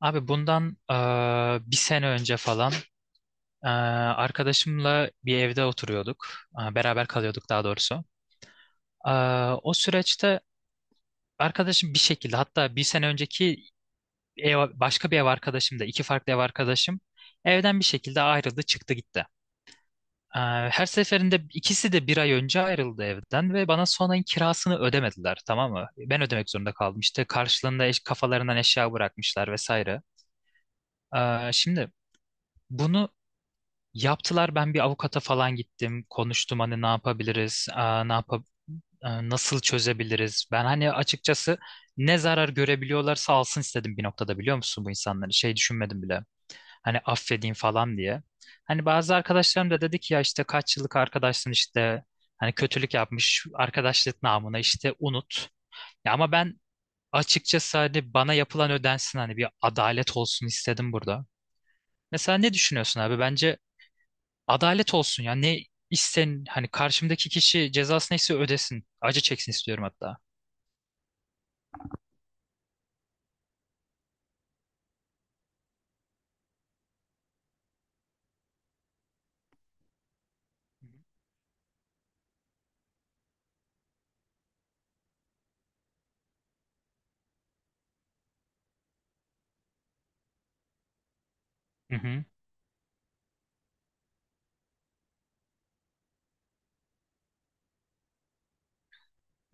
Abi bundan bir sene önce falan eee, arkadaşımla bir evde oturuyorduk. Beraber kalıyorduk daha doğrusu. O süreçte arkadaşım bir şekilde, hatta bir sene önceki ev, başka bir ev arkadaşım da iki farklı ev arkadaşım evden bir şekilde ayrıldı, çıktı, gitti. Her seferinde ikisi de bir ay önce ayrıldı evden ve bana son ayın kirasını ödemediler, tamam mı? Ben ödemek zorunda kaldım işte, karşılığında kafalarından eşya bırakmışlar vesaire. Şimdi... Bunu yaptılar. Ben bir avukata falan gittim, konuştum, hani ne yapabiliriz, ne yap nasıl çözebiliriz, ben hani açıkçası ne zarar görebiliyorlarsa alsın istedim bir noktada, biliyor musun, bu insanları şey düşünmedim bile, hani affedeyim falan diye. Hani bazı arkadaşlarım da dedi ki ya işte, kaç yıllık arkadaşsın işte, hani kötülük yapmış, arkadaşlık namına işte unut. Ya ama ben açıkçası hani bana yapılan ödensin, hani bir adalet olsun istedim burada. Mesela ne düşünüyorsun abi? Bence adalet olsun ya. Ne isten Hani karşımdaki kişi cezası neyse ödesin. Acı çeksin istiyorum hatta. Hı hı,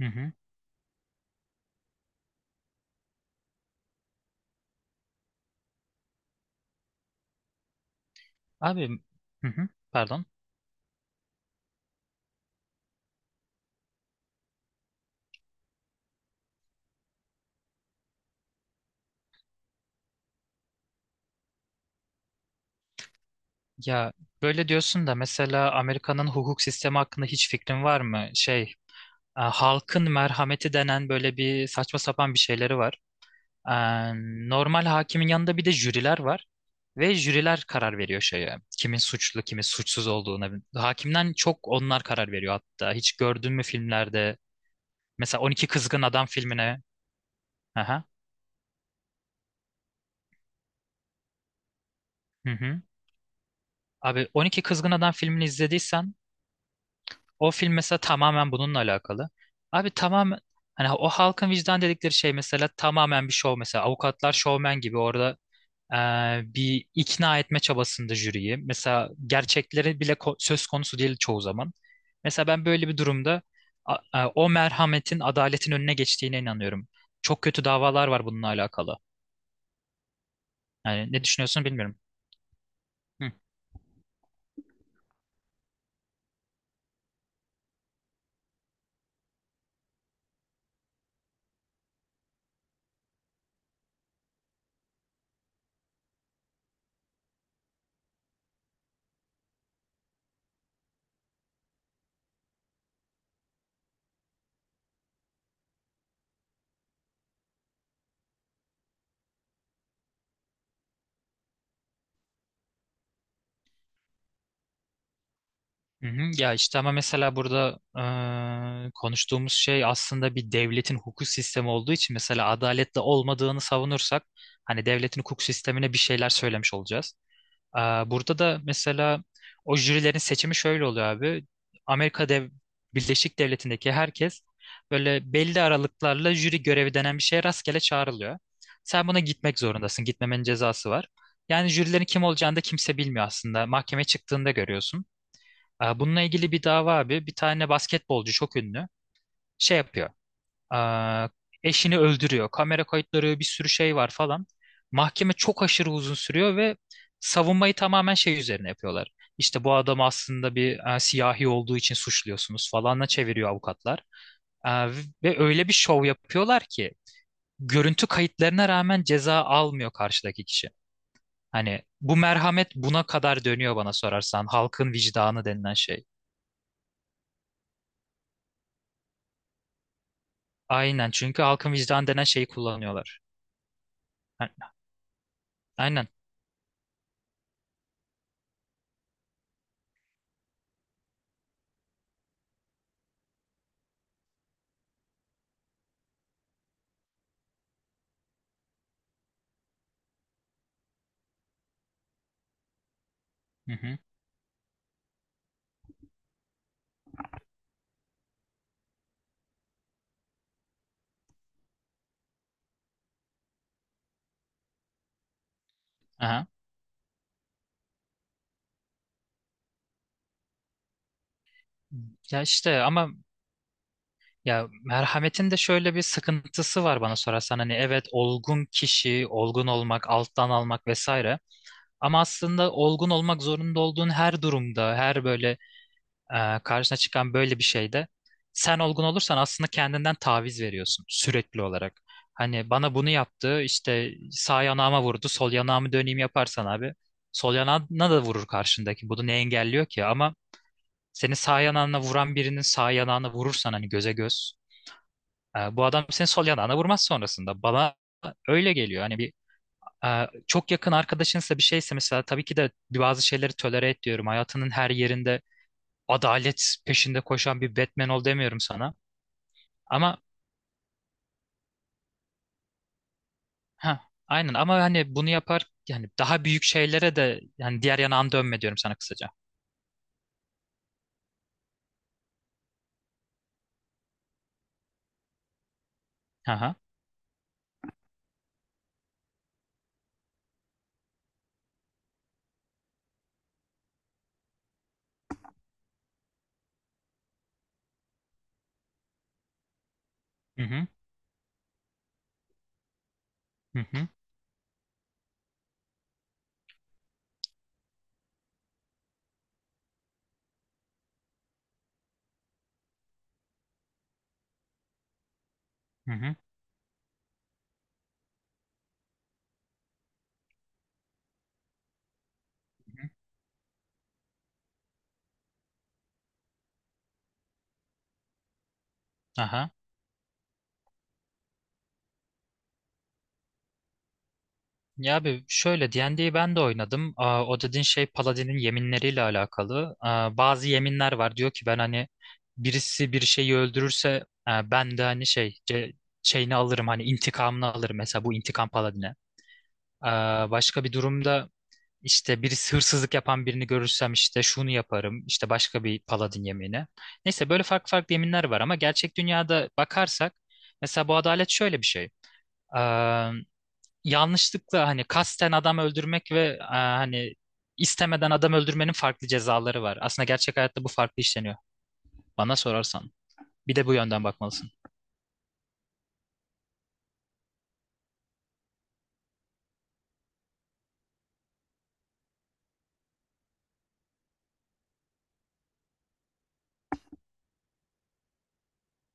hı hı. Abi, hı hı, pardon. Ya böyle diyorsun da, mesela Amerika'nın hukuk sistemi hakkında hiç fikrin var mı? Şey, halkın merhameti denen böyle bir saçma sapan bir şeyleri var. Ee, Normal hakimin yanında bir de jüriler var. Ve jüriler karar veriyor şeye: kimin suçlu, kimin suçsuz olduğuna. Hakimden çok onlar karar veriyor hatta. Hiç gördün mü filmlerde? Mesela 12 Kızgın Adam filmine. Aha. Hı hı. Abi, 12 Kızgın Adam filmini izlediysen, o film mesela tamamen bununla alakalı. Abi tamamen, hani o halkın vicdan dedikleri şey mesela tamamen bir şov, mesela avukatlar şovmen gibi orada e, bir ikna etme çabasında jüriyi. Mesela gerçekleri bile söz konusu değil çoğu zaman. Mesela ben böyle bir durumda o merhametin adaletin önüne geçtiğine inanıyorum. Çok kötü davalar var bununla alakalı. Yani ne düşünüyorsun bilmiyorum. Hı, hı hı. Ya işte ama mesela burada konuştuğumuz şey aslında bir devletin hukuk sistemi olduğu için, mesela adaletle olmadığını savunursak hani devletin hukuk sistemine bir şeyler söylemiş olacağız. Burada da mesela o jürilerin seçimi şöyle oluyor abi. Amerika Birleşik Devleti'ndeki herkes böyle belli aralıklarla jüri görevi denen bir şeye rastgele çağrılıyor. Sen buna gitmek zorundasın. Gitmemenin cezası var. Yani jürilerin kim olacağını da kimse bilmiyor aslında. Mahkemeye çıktığında görüyorsun. Bununla ilgili bir dava abi. Bir tane basketbolcu, çok ünlü, şey yapıyor. Aa, Eşini öldürüyor. Kamera kayıtları, bir sürü şey var falan. Mahkeme çok aşırı uzun sürüyor ve savunmayı tamamen şey üzerine yapıyorlar: İşte bu adam aslında bir siyahi olduğu için suçluyorsunuz falanla çeviriyor avukatlar. Aa, Ve öyle bir şov yapıyorlar ki görüntü kayıtlarına rağmen ceza almıyor karşıdaki kişi. Hani bu merhamet buna kadar dönüyor bana sorarsan. Halkın vicdanı denilen şey. Aynen, çünkü halkın vicdanı denen şeyi kullanıyorlar. A- Aynen. Hı hı. Aha. Ya işte ama, ya merhametin de şöyle bir sıkıntısı var bana sorarsan. Hani evet, olgun kişi, olgun olmak, alttan almak vesaire. Ama aslında olgun olmak zorunda olduğun her durumda, her böyle karşına çıkan böyle bir şeyde sen olgun olursan aslında kendinden taviz veriyorsun sürekli olarak. Hani bana bunu yaptı, işte sağ yanağıma vurdu, sol yanağımı döneyim yaparsan abi, sol yanağına da vurur karşındaki. Bunu ne engelliyor ki? Ama senin sağ yanağına vuran birinin sağ yanağına vurursan, hani göze göz, bu adam senin sol yanağına vurmaz sonrasında. Bana öyle geliyor. Hani bir çok yakın arkadaşınsa, bir şeyse, mesela tabii ki de bazı şeyleri tolere et diyorum. Hayatının her yerinde adalet peşinde koşan bir Batman ol demiyorum sana. Ama ha aynen, ama hani bunu yapar yani daha büyük şeylere de, yani diğer yanağını dönme diyorum sana kısaca. Aha. Hı hı. Hı hı. Hı hı. Hı hı. Aha. Ya abi, şöyle, D&D'yi ben de oynadım. O dediğin şey Paladin'in yeminleriyle alakalı. Bazı yeminler var. Diyor ki ben hani birisi bir şeyi öldürürse ben de hani şeyini alırım, hani intikamını alırım. Mesela bu intikam Paladin'e. Başka bir durumda işte birisi hırsızlık yapan birini görürsem işte şunu yaparım. İşte başka bir Paladin yemini. Neyse, böyle farklı farklı yeminler var ama gerçek dünyada bakarsak mesela bu adalet şöyle bir şey: yanlışlıkla, hani kasten adam öldürmek ve hani istemeden adam öldürmenin farklı cezaları var. Aslında gerçek hayatta bu farklı işleniyor, bana sorarsan. Bir de bu yönden bakmalısın.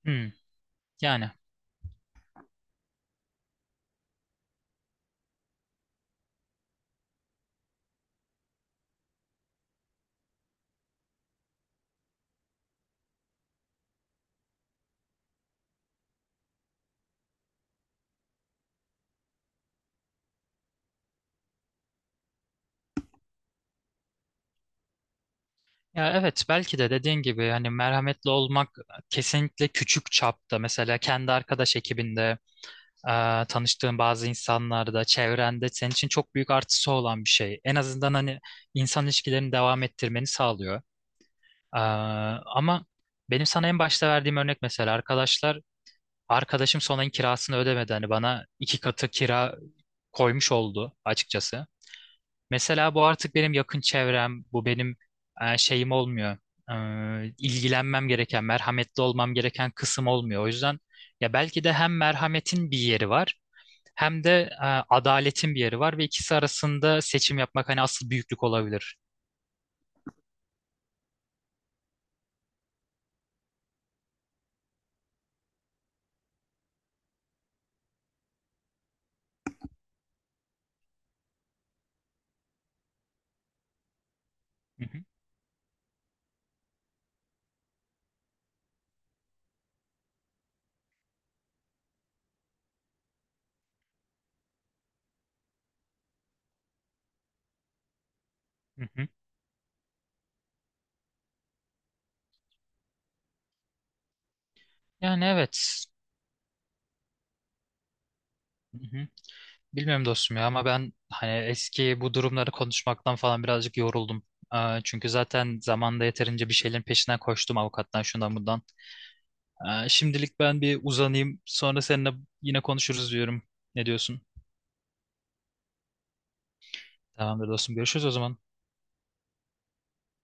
Hmm, yani. Ya evet, belki de dediğin gibi hani merhametli olmak kesinlikle küçük çapta, mesela kendi arkadaş ekibinde, e, tanıştığın bazı insanlarda, çevrende, senin için çok büyük artısı olan bir şey. En azından hani insan ilişkilerini devam ettirmeni sağlıyor. E, Ama benim sana en başta verdiğim örnek, mesela arkadaşım son ayın kirasını ödemedi, hani bana iki katı kira koymuş oldu açıkçası. Mesela bu artık benim yakın çevrem, bu benim şeyim olmuyor. İlgilenmem gereken, merhametli olmam gereken kısım olmuyor. O yüzden ya belki de hem merhametin bir yeri var, hem de adaletin bir yeri var ve ikisi arasında seçim yapmak hani asıl büyüklük olabilir. Hı hı, hı hı. Yani evet. Bilmiyorum dostum ya, ama ben hani eski bu durumları konuşmaktan falan birazcık yoruldum. Ee, Çünkü zaten zamanda yeterince bir şeylerin peşinden koştum, avukattan şundan bundan. Şimdilik ben bir uzanayım, sonra seninle yine konuşuruz diyorum. Ne diyorsun? Tamamdır dostum, görüşürüz o zaman.